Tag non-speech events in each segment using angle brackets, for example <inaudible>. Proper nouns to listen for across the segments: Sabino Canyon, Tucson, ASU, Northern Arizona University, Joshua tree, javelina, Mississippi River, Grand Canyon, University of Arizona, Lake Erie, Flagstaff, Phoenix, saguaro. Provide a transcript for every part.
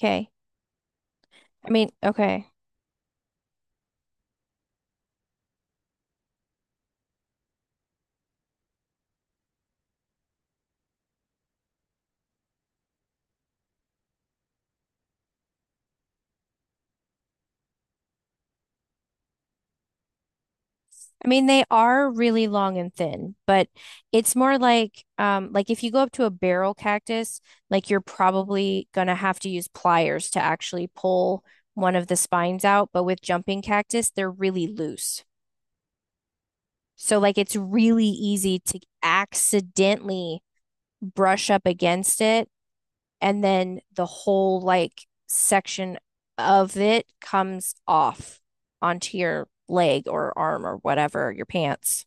Okay. I mean, okay. I mean, they are really long and thin, but it's more like if you go up to a barrel cactus, like you're probably gonna have to use pliers to actually pull one of the spines out, but with jumping cactus, they're really loose. So like it's really easy to accidentally brush up against it, and then the whole like section of it comes off onto your leg or arm or whatever, your pants.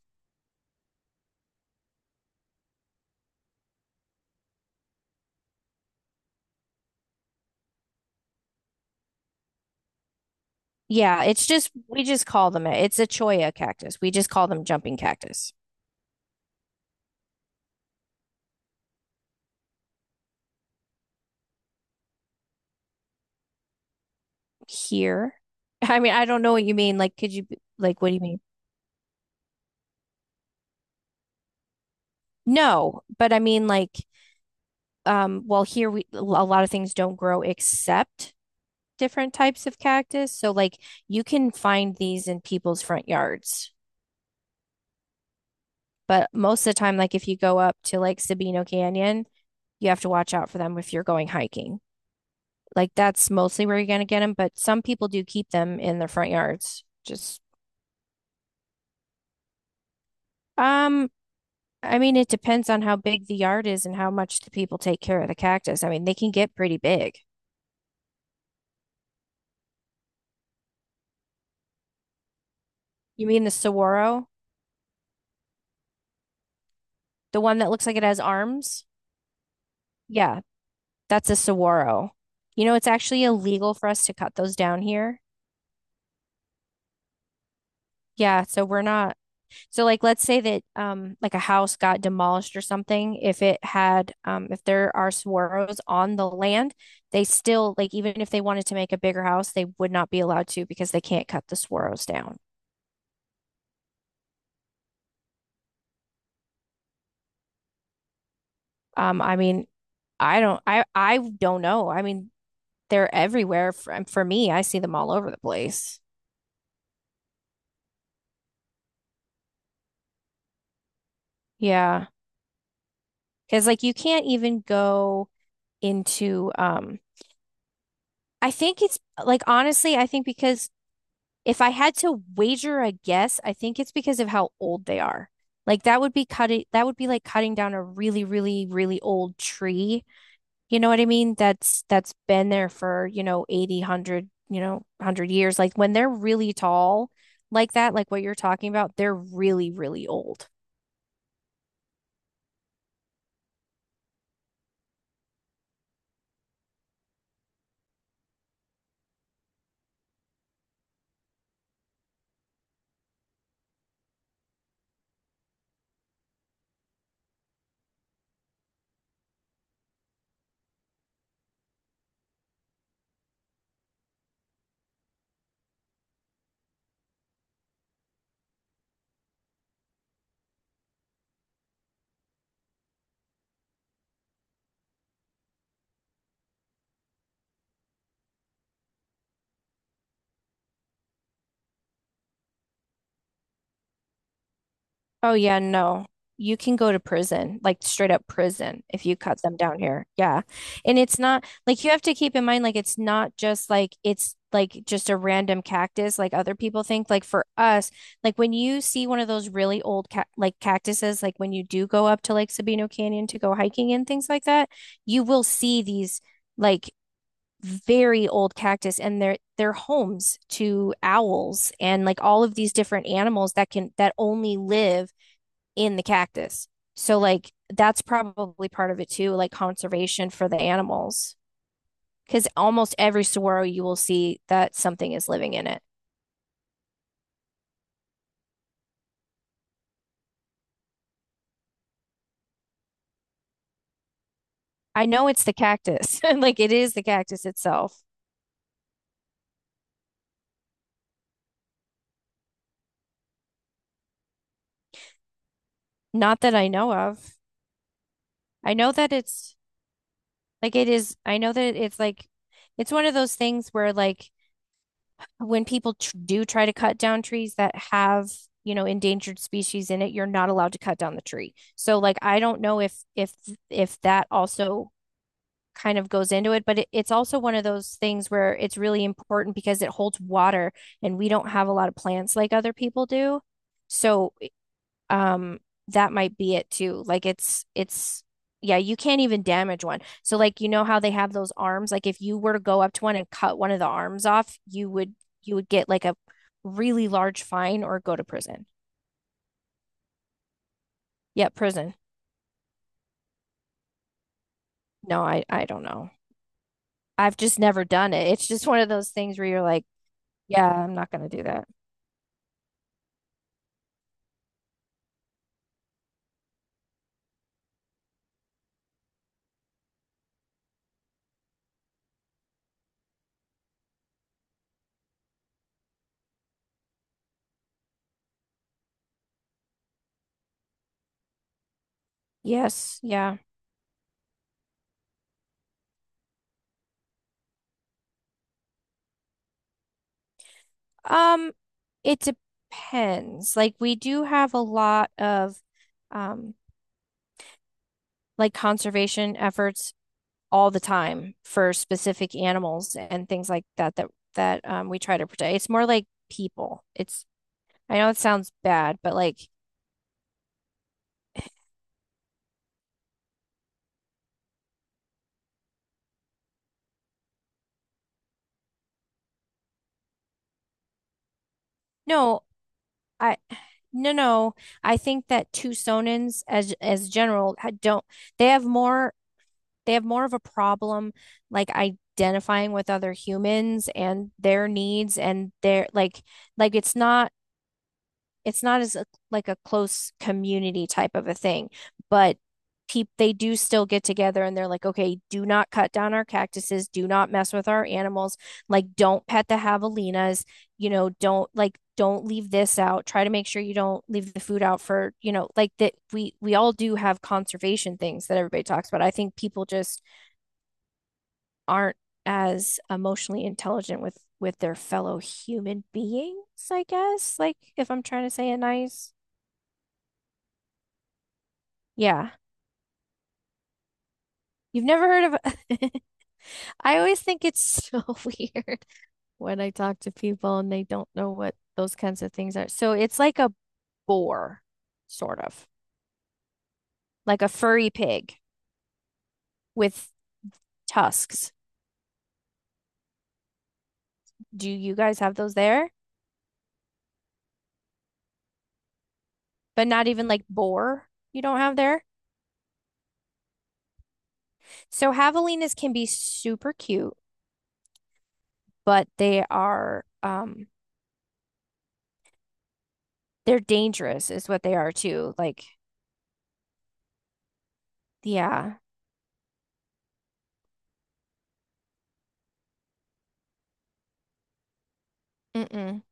Yeah, it's just we just call them, it's a cholla cactus. We just call them jumping cactus. Here. I mean, I don't know what you mean. Like, could you like what do you mean? No, but I mean like well here we a lot of things don't grow except different types of cactus. So like you can find these in people's front yards. But most of the time, like if you go up to like Sabino Canyon, you have to watch out for them if you're going hiking. Like that's mostly where you're going to get them, but some people do keep them in their front yards. Just, um, I mean, it depends on how big the yard is and how much the people take care of the cactus. I mean, they can get pretty big. You mean the saguaro, the one that looks like it has arms? Yeah, that's a saguaro. You know, it's actually illegal for us to cut those down here. Yeah, so we're not So like let's say that like a house got demolished or something, if it had if there are saguaros on the land, they still like even if they wanted to make a bigger house, they would not be allowed to because they can't cut the saguaros down. I mean, I don't know. I mean, they're everywhere for me. I see them all over the place. Yeah. Because like you can't even go into I think it's like honestly, I think because if I had to wager a guess, I think it's because of how old they are. Like that would be like cutting down a really, really, really old tree. You know what I mean? That's been there for, you know, 80, 100, you know, 100 years. Like when they're really tall like that, like what you're talking about, they're really, really old. Oh yeah, no. You can go to prison, like straight up prison, if you cut them down here. Yeah. And it's not like you have to keep in mind like it's not just like it's like just a random cactus like other people think. Like for us, like when you see one of those really old ca like cactuses, like when you do go up to Lake Sabino Canyon to go hiking and things like that, you will see these like very old cactus, and they're homes to owls and like all of these different animals that only live in the cactus. So like that's probably part of it too, like conservation for the animals. Because almost every saguaro you will see that something is living in it. I know it's the cactus. <laughs> Like it is the cactus itself. Not that I know of. I know that it's like it is. I know that it's like it's one of those things where like when people tr do try to cut down trees that have, you know, endangered species in it, you're not allowed to cut down the tree. So like I don't know if if that also kind of goes into it, but it's also one of those things where it's really important because it holds water, and we don't have a lot of plants like other people do. So um that might be it too. Like it's yeah, you can't even damage one. So like you know how they have those arms? Like if you were to go up to one and cut one of the arms off, you would get like a really large fine or go to prison. Yeah, prison. No, I don't know. I've just never done it. It's just one of those things where you're like, yeah, I'm not going to do that. Yes, yeah. Um, it depends. Like we do have a lot of um like conservation efforts all the time for specific animals and things like that that we try to protect. It's more like people. It's I know it sounds bad, but like no, I no no. I think that Tucsonans as general don't they have more they have more of a problem like identifying with other humans and their needs and their like like it's not it's not as a, like a close community type of a thing, but people, they do still get together and they're like okay, do not cut down our cactuses, do not mess with our animals, like don't pet the javelinas, you know, don't like don't leave this out, try to make sure you don't leave the food out for you know, like that we all do have conservation things that everybody talks about. I think people just aren't as emotionally intelligent with their fellow human beings, I guess. Like if I'm trying to say it nice. Yeah. You've never heard of <laughs> I always think it's <laughs> so weird when I talk to people and they don't know what those kinds of things are. So it's like a boar, sort of. Like a furry pig with tusks. Do you guys have those there? But not even like boar you don't have there. So javelinas can be super cute, but they are they're dangerous is what they are too. Like, yeah. Mm-mm.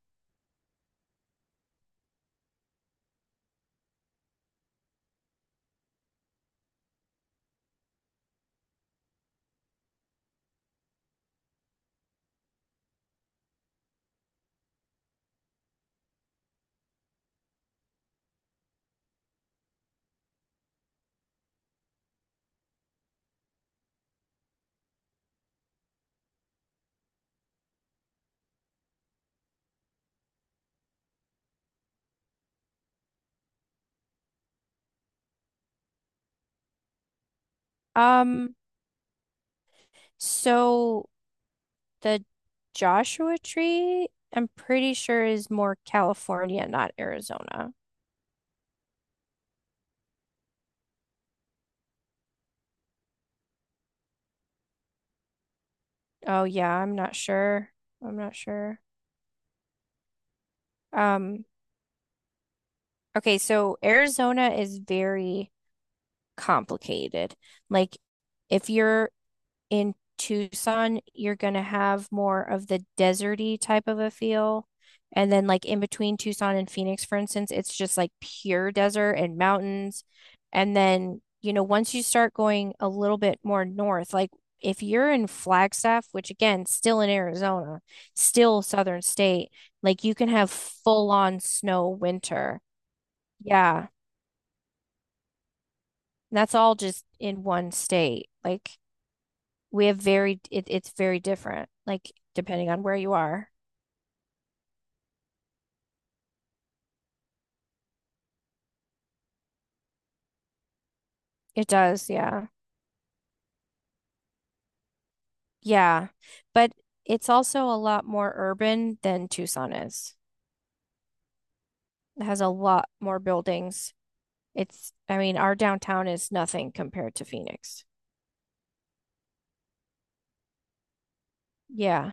Um, so the Joshua tree, I'm pretty sure is more California, not Arizona. Oh yeah, I'm not sure. I'm not sure. Um, okay, so Arizona is very complicated. Like if you're in Tucson, you're gonna have more of the deserty type of a feel. And then like in between Tucson and Phoenix, for instance, it's just like pure desert and mountains. And then, you know, once you start going a little bit more north, like if you're in Flagstaff, which again, still in Arizona, still southern state, like you can have full on snow winter. Yeah. That's all just in one state. Like we have very it, it's very different like depending on where you are. It does, yeah. Yeah, but it's also a lot more urban than Tucson is. It has a lot more buildings. It's, I mean, our downtown is nothing compared to Phoenix. Yeah.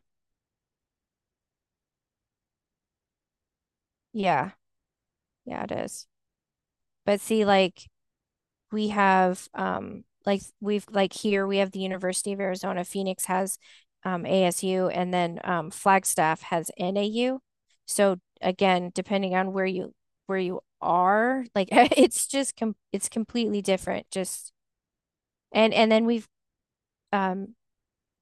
Yeah, yeah, it is. But see like we have like we've like here we have the University of Arizona. Phoenix has ASU, and then Flagstaff has NAU. So again, depending on where you are, like <laughs> it's just com it's completely different. Just and then we've um,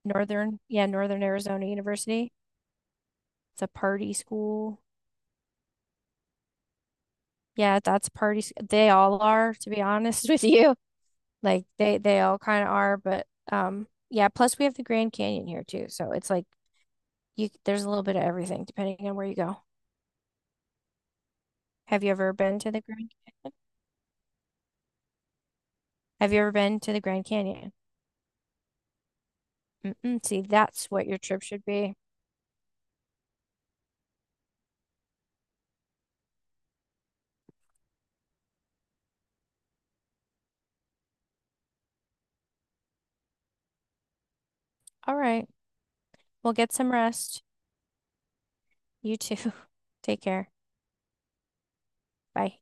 Northern yeah Northern Arizona University. It's a party school. Yeah, that's party. They all are, to be honest <laughs> with you. Like they all kind of are, but yeah, plus we have the Grand Canyon here too. So it's like you there's a little bit of everything depending on where you go. Have you ever been to the Grand? Have you ever been to the Grand Canyon? Mm-mm, see, that's what your trip should be. All right. Well, get some rest. You too. <laughs> Take care. Bye.